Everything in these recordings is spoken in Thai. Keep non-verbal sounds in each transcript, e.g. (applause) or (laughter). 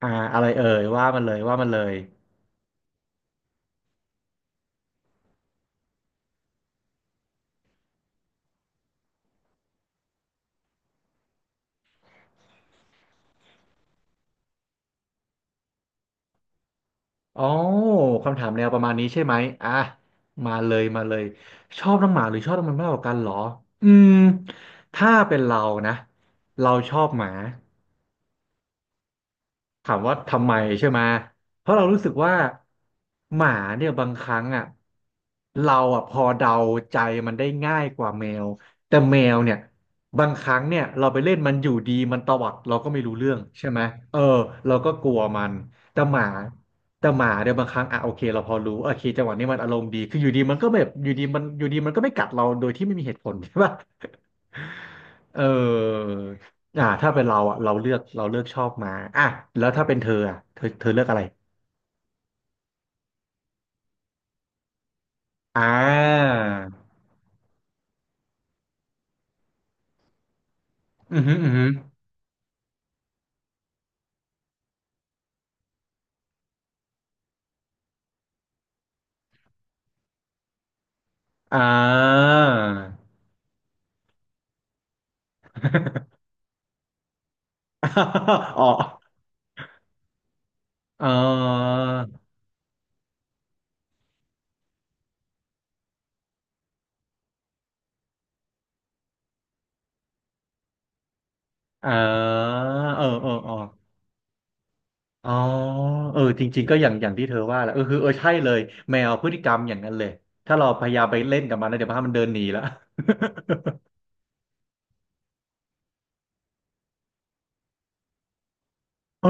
อ่าอะไรเอ่ยว่ามันเลยว่ามันเลยอ๋อคำถามแนวประมาณนี้ใช่ไหมอ่ะมาเลยมาเลยชอบน้องหมาหรือชอบน้องแมวมากกว่ากันเหรออืมถ้าเป็นเรานะเราชอบหมา ถามว่าทำไมใช่ไหมเพราะเรารู้สึกว่าหมาเนี่ยบางครั้งอ่ะเราอ่ะพอเดาใจมันได้ง่ายกว่าแมวแต่แมวเนี่ยบางครั้งเนี่ยเราไปเล่นมันอยู่ดีมันตวัดเราก็ไม่รู้เรื่องใช่ไหมเออเราก็กลัวมันแต่หมาแต่หมาเนี่ยบางครั้งอ่ะโอเคเราพอรู้โอเคจังหวะนี้มันอารมณ์ดีคืออยู่ดีมันก็แบบอยู่ดีมันอยู่ดีมันก็ไม่กัดเราโดยที่ไม่มีเหตุผล (laughs) ใช่ปะ เออถ้าเป็นเราอ่ะเราเลือกชอบมาอ่ะแล้วถ้าเป็นเธออ่ะเธอเลือกอะไรอ่าอือหืออือหืออ่า (laughs) อ๋อเออเออเออเออเอออ๋อเออจริงๆก็อย่างที่เธอว่าแหละเออคือเออใช่เลยแมวพฤติกรรมอย่างนั้นเลย ถ้าเราพยายามไปเล่นกับมันแล้วเดี๋ยวพามันเดินหนีละ (laughs) โอ้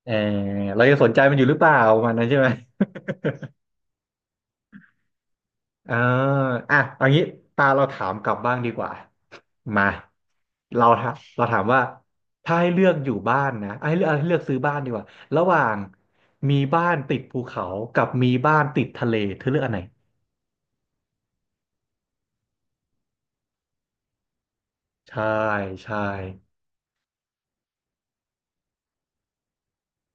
(laughs) เออเราจะสนใจมันอยู่หรือเปล่าประมันนั้นใช่ไหม อ่าอ่ะเอางี้ตาเราถามกลับบ้างดีกว่ามาเราถามว่าถ้าให้เลือกอยู่บ้านนะเอาให้เลือกเอาให้เลือกซื้อบ้านดีกว่าระหว่างมีบ้านติดภูเขากับมีบ้านติดทะเลเธอเลือกอันไหนใช่ใช่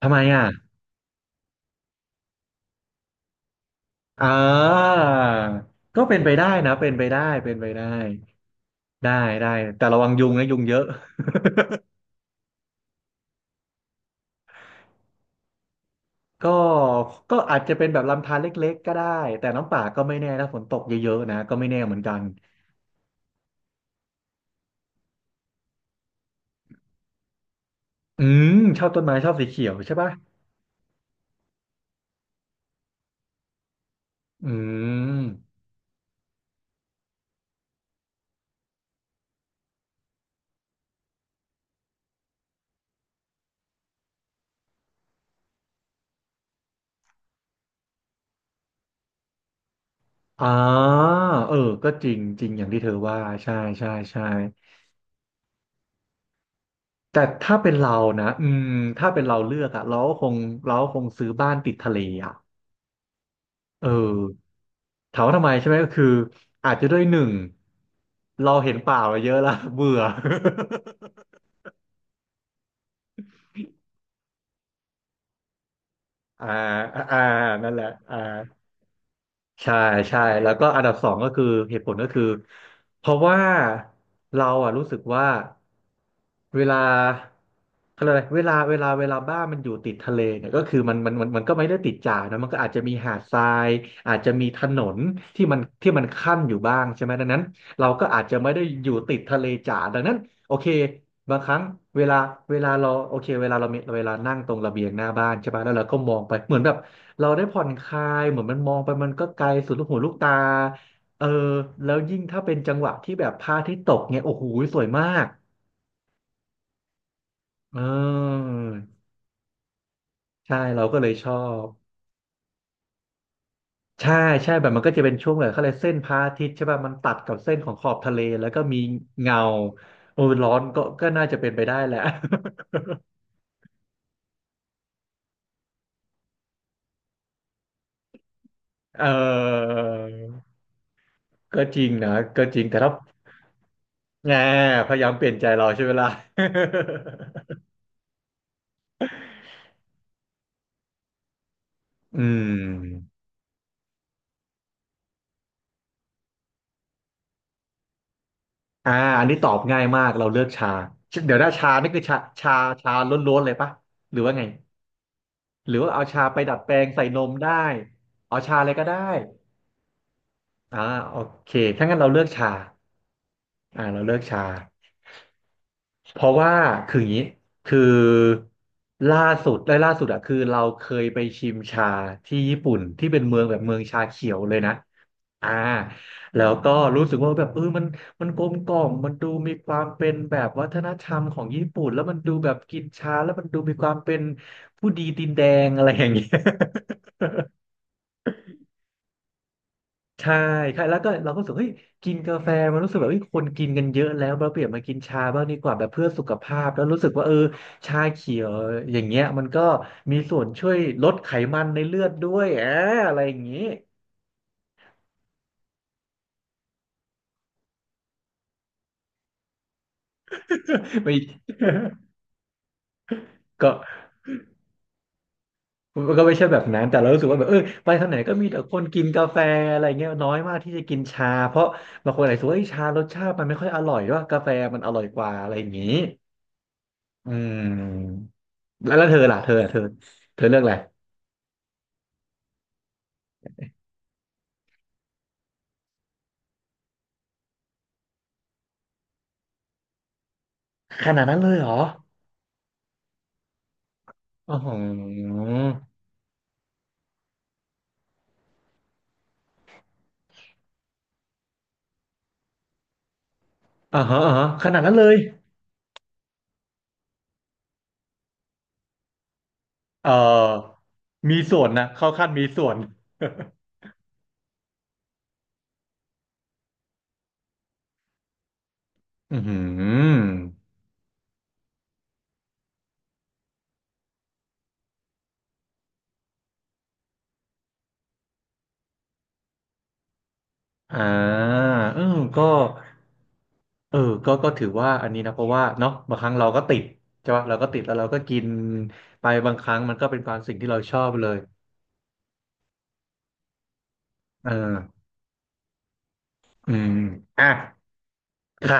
ทำไมอ่ะอ่าก็เป็นไปได้นะเป็นไปได้เป็นไปได้ได้ได้แต่ระวังยุงนะยุงเยอะก็ก็อาจจะเป็นแบบลำธารเล็กๆก็ได้แต่น้ำป่าก็ไม่แน่ถ้าฝนตกเยอะๆนะก็ไม่แน่เหมือนกัน อืมชอบต้นไม้ชอบสีเขียวใช่ป่ะอืมอ่าเออก็จริงจริงอย่างที่เธอว่าใช่ใช่ใช่แต่ถ้าเป็นเรานะอืมถ้าเป็นเราเลือกอะเราก็คงซื้อบ้านติดทะเลอะเออถามว่าทำไมใช่ไหมก็คืออาจจะด้วยหนึ่งเราเห็นป่ามาเยอะแล้วเบื่อ (laughs) อ่าอ่านั่นแหละอ่า ใช่ใช่แล้วก็อันดับสองก็คือเหตุผลก็คือเพราะว่าเราอ่ะรู้สึกว่าเวลาเขาเรียกอะไรเวลาบ้านมันอยู่ติดทะเลเนี่ยก็คือมันก็ไม่ได้ติดจ๋านะมันก็อาจจะมีหาดทรายอาจจะมีถนนที่มันขั้นอยู่บ้างใช่ไหมดังนั้นเราก็อาจจะไม่ได้อยู่ติดทะเลจ๋าดังนั้นโอเคบางครั้งเวลาเวลาเราโอเคเวลาเรามีเวลานั่งตรงระเบียงหน้าบ้านใช่ปะแล้วเราก็มองไปเหมือนแบบ เราได้ผ่อนคลายเหมือนมันมองไปมันก็ไกลสุดลูกหูลูกตาเออแล้วยิ่งถ้าเป็นจังหวะที่แบบพระอาทิตย์ตกเนี่ยโอ้โหสวยมากเออใช่เราก็เลยชอบใช่ใช่แบบมันก็จะเป็นช่วงแบบเขาเลยกเส้นพระอาทิตย์ใช่ป่ะมันตัดกับเส้นของขอบทะเลแล้วก็มีเงาโอ้ยร้อนก็น่าจะเป็นไปได้แหละ (laughs) เออก็จริงนะก็จริงแต่ถ้าแหมพยายามเปลี่ยนใจเราใช่เวลา (laughs) อืม อ่าอันนี้ตอบง่ายมากเราเลือกชาเดี๋ยวถ้าชานี่คือชาชาชาล้วนๆเลยปะหรือว่าไงหรือว่าเอาชาไปดัดแปลงใส่นมได้เอาชาอะไรก็ได้อ่าโอเคถ้างั้นเราเลือกชาเราเลือกชาเพราะว่าคืออย่างนี้คือล่าล่าสุดอะคือเราเคยไปชิมชาที่ญี่ปุ่นที่เป็นเมืองแบบเมืองชาเขียวเลยนะ อ่าแล้วก็รู้สึกว่าแบบเออมันกลมกล่อมมันดูมีความเป็นแบบวัฒนธรรมของญี่ปุ่นแล้วมันดูแบบกินชาแล้วมันดูมีความเป็นผู้ดีตีนแดงอะไรอย่างเงี้ย (laughs) ใช่ใช่แล้วก็เราก็รู้สึกเฮ้ยกินกาแฟมันรู้สึกแบบเฮ้ยคนกินกันเยอะแล้วเราเปลี่ยนมากินชาบ้างดีกว่าแบบเพื่อสุขภาพแล้วรู้สึกว่าเออชาเขียวอย่างเงี้ยมันก็มีส่วนช่วยลดไขมันในเลือดด้วยอะไรอย่างงี้ (laughs) ไม่ (laughs) ก็ มันก็ไม่ใช่แบบนั้นแต่เรารู้สึกว่าแบบเออไปทางไหนก็มีแต่คนกินกาแฟอะไรเงี้ยน้อยมากที่จะกินชาเพราะบางคนอาจจะว่าเอ้ยชารสชาติมันไม่ค่อยอร่อยว่ากาแฟมันอร่อยกว่าอะไรอย่างนี้อืมแล้วเธอล่ะเธอเธอเลือกอะไรขนาดนั้นเลยเหรออ๋ออ่าฮะอ่าฮะขนาดนั้นเลยเออมีส่วนนะเข้าขั้นมีส่วนอือหือ อ่าเออก็เออก็ถือว่าอันนี้นะเพราะว่าเนาะบางครั้งเราก็ติดใช่ปะเราก็ติดแล้วเราก็กินไปบางครั้งมันก็เป็นความสิ่งที่เราชอบเลยเอออืมอ่ะค่ะ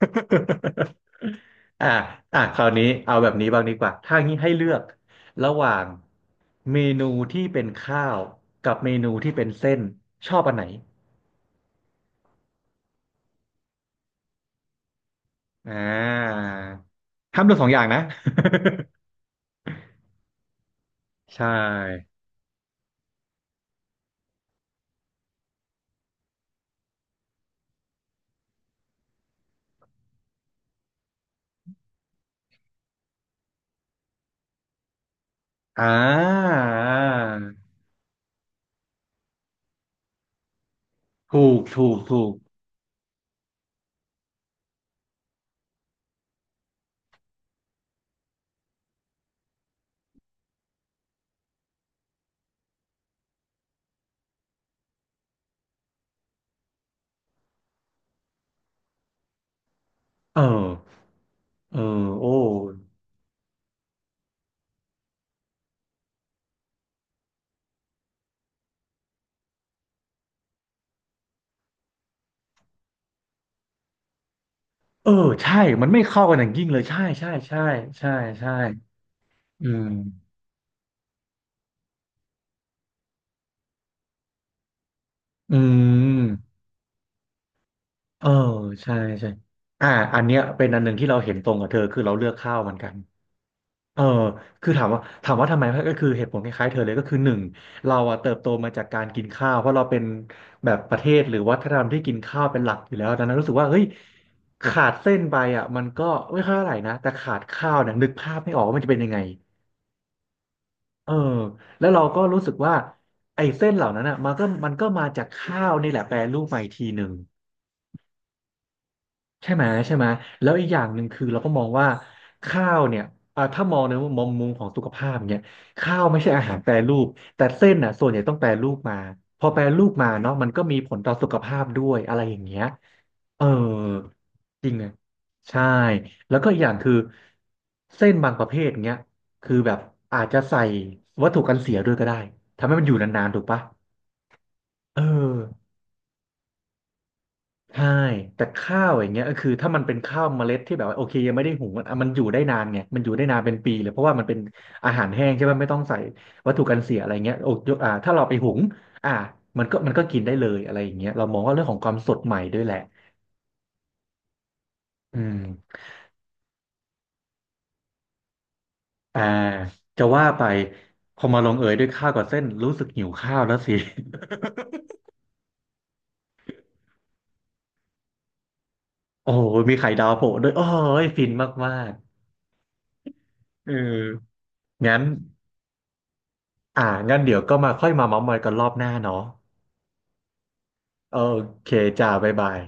(laughs) อ่ะอ่ะคราวนี้เอาแบบนี้บ้างดีกว่าถ้างี้ให้เลือกระหว่างเมนูที่เป็นข้าวกับเมนูที่เป็นเส้นชอบอันไหนอ่าห้ามเลือกสองอย่างนะ (laughs) ใช่ อ่าาถูกถูกถูกเออเออโอ้เออใช่มันไม่เข้ากันอย่างยิ่งเลยใช่ใช่ใช่ใช่ใช่อืมอืมเออใช่ใช่อ่าอันเนี้ยเป็นอันหนึ่งที่เราเห็นตรงกับเธอ คือเราเลือกข้าวเหมือนกัน เออคือถามว่าถามว่าทำไมก็คือเหตุผลคล้ายๆเธอเลยก็คือหนึ่งเราอะเติบโตมาจากการกินข้าวเพราะเราเป็นแบบประเทศหรือวัฒนธรรมที่กินข้าวเป็นหลักอยู่แล้วดังนั้นรู้สึกว่าเฮ้ยขาดเส้นไปอ่ะมันก็ไม่ค่อยเท่าไหร่นะแต่ขาดข้าวเนี่ยนึกภาพไม่ออกว่ามันจะเป็นยังไงเออแล้วเราก็รู้สึกว่าไอ้เส้นเหล่านั้นอ่ะมันก็มาจากข้าวนี่แหละแปรรูปมาอีกทีหนึ่ง ใช่ไหมใช่ไหมแล้วอีกอย่างหนึ่งคือเราก็มองว่าข้าวเนี่ยอ่าถ้ามองในมุมของสุขภาพเนี่ยข้าวไม่ใช่อาหารแปรรูปแต่เส้นอ่ะส่วนใหญ่ต้องแปรรูปมาพอแปรรูปมาเนาะมันก็มีผลต่อสุขภาพด้วยอะไรอย่างเงี้ยเออจริงอะใช่แล้วก็อีกอย่างคือเส้นบางประเภทเนี้ยคือแบบอาจจะใส่วัตถุกันเสียด้วยก็ได้ทำให้มันอยู่นานๆถูกปะเออ ใช่แต่ข้าวอย่างเงี้ยก็คือถ้ามันเป็นข้าวเมล็ดที่แบบว่าโอเคยังไม่ได้หุงอ่ะมันอยู่ได้นานไงมันอยู่ได้นานเป็นปีเลยเพราะว่ามันเป็นอาหารแห้งใช่ไหมไม่ต้องใส่วัตถุกันเสียอะไรเงี้ยโอ้ยกถ้าเราไปหุงอ่ามันก็กินได้เลยอะไรอย่างเงี้ยเรามองว่าเรื่องของความสดใหม่ด้วยแหละอืมอ่าจะว่าไปพอมาลงเอยด้วยข้าวกับเส้นรู้สึกหิวข้าวแล้วสิ (laughs) โอ้โหมีไข่ดาวโผล่ด้วยโอ้ยฟินมากๆเอองั้นอ่างั้นเดี๋ยวก็มาค่อยมาเม้าท์มอยกันรอบหน้าเนาะ โอเคจ้าบ๊ายบาย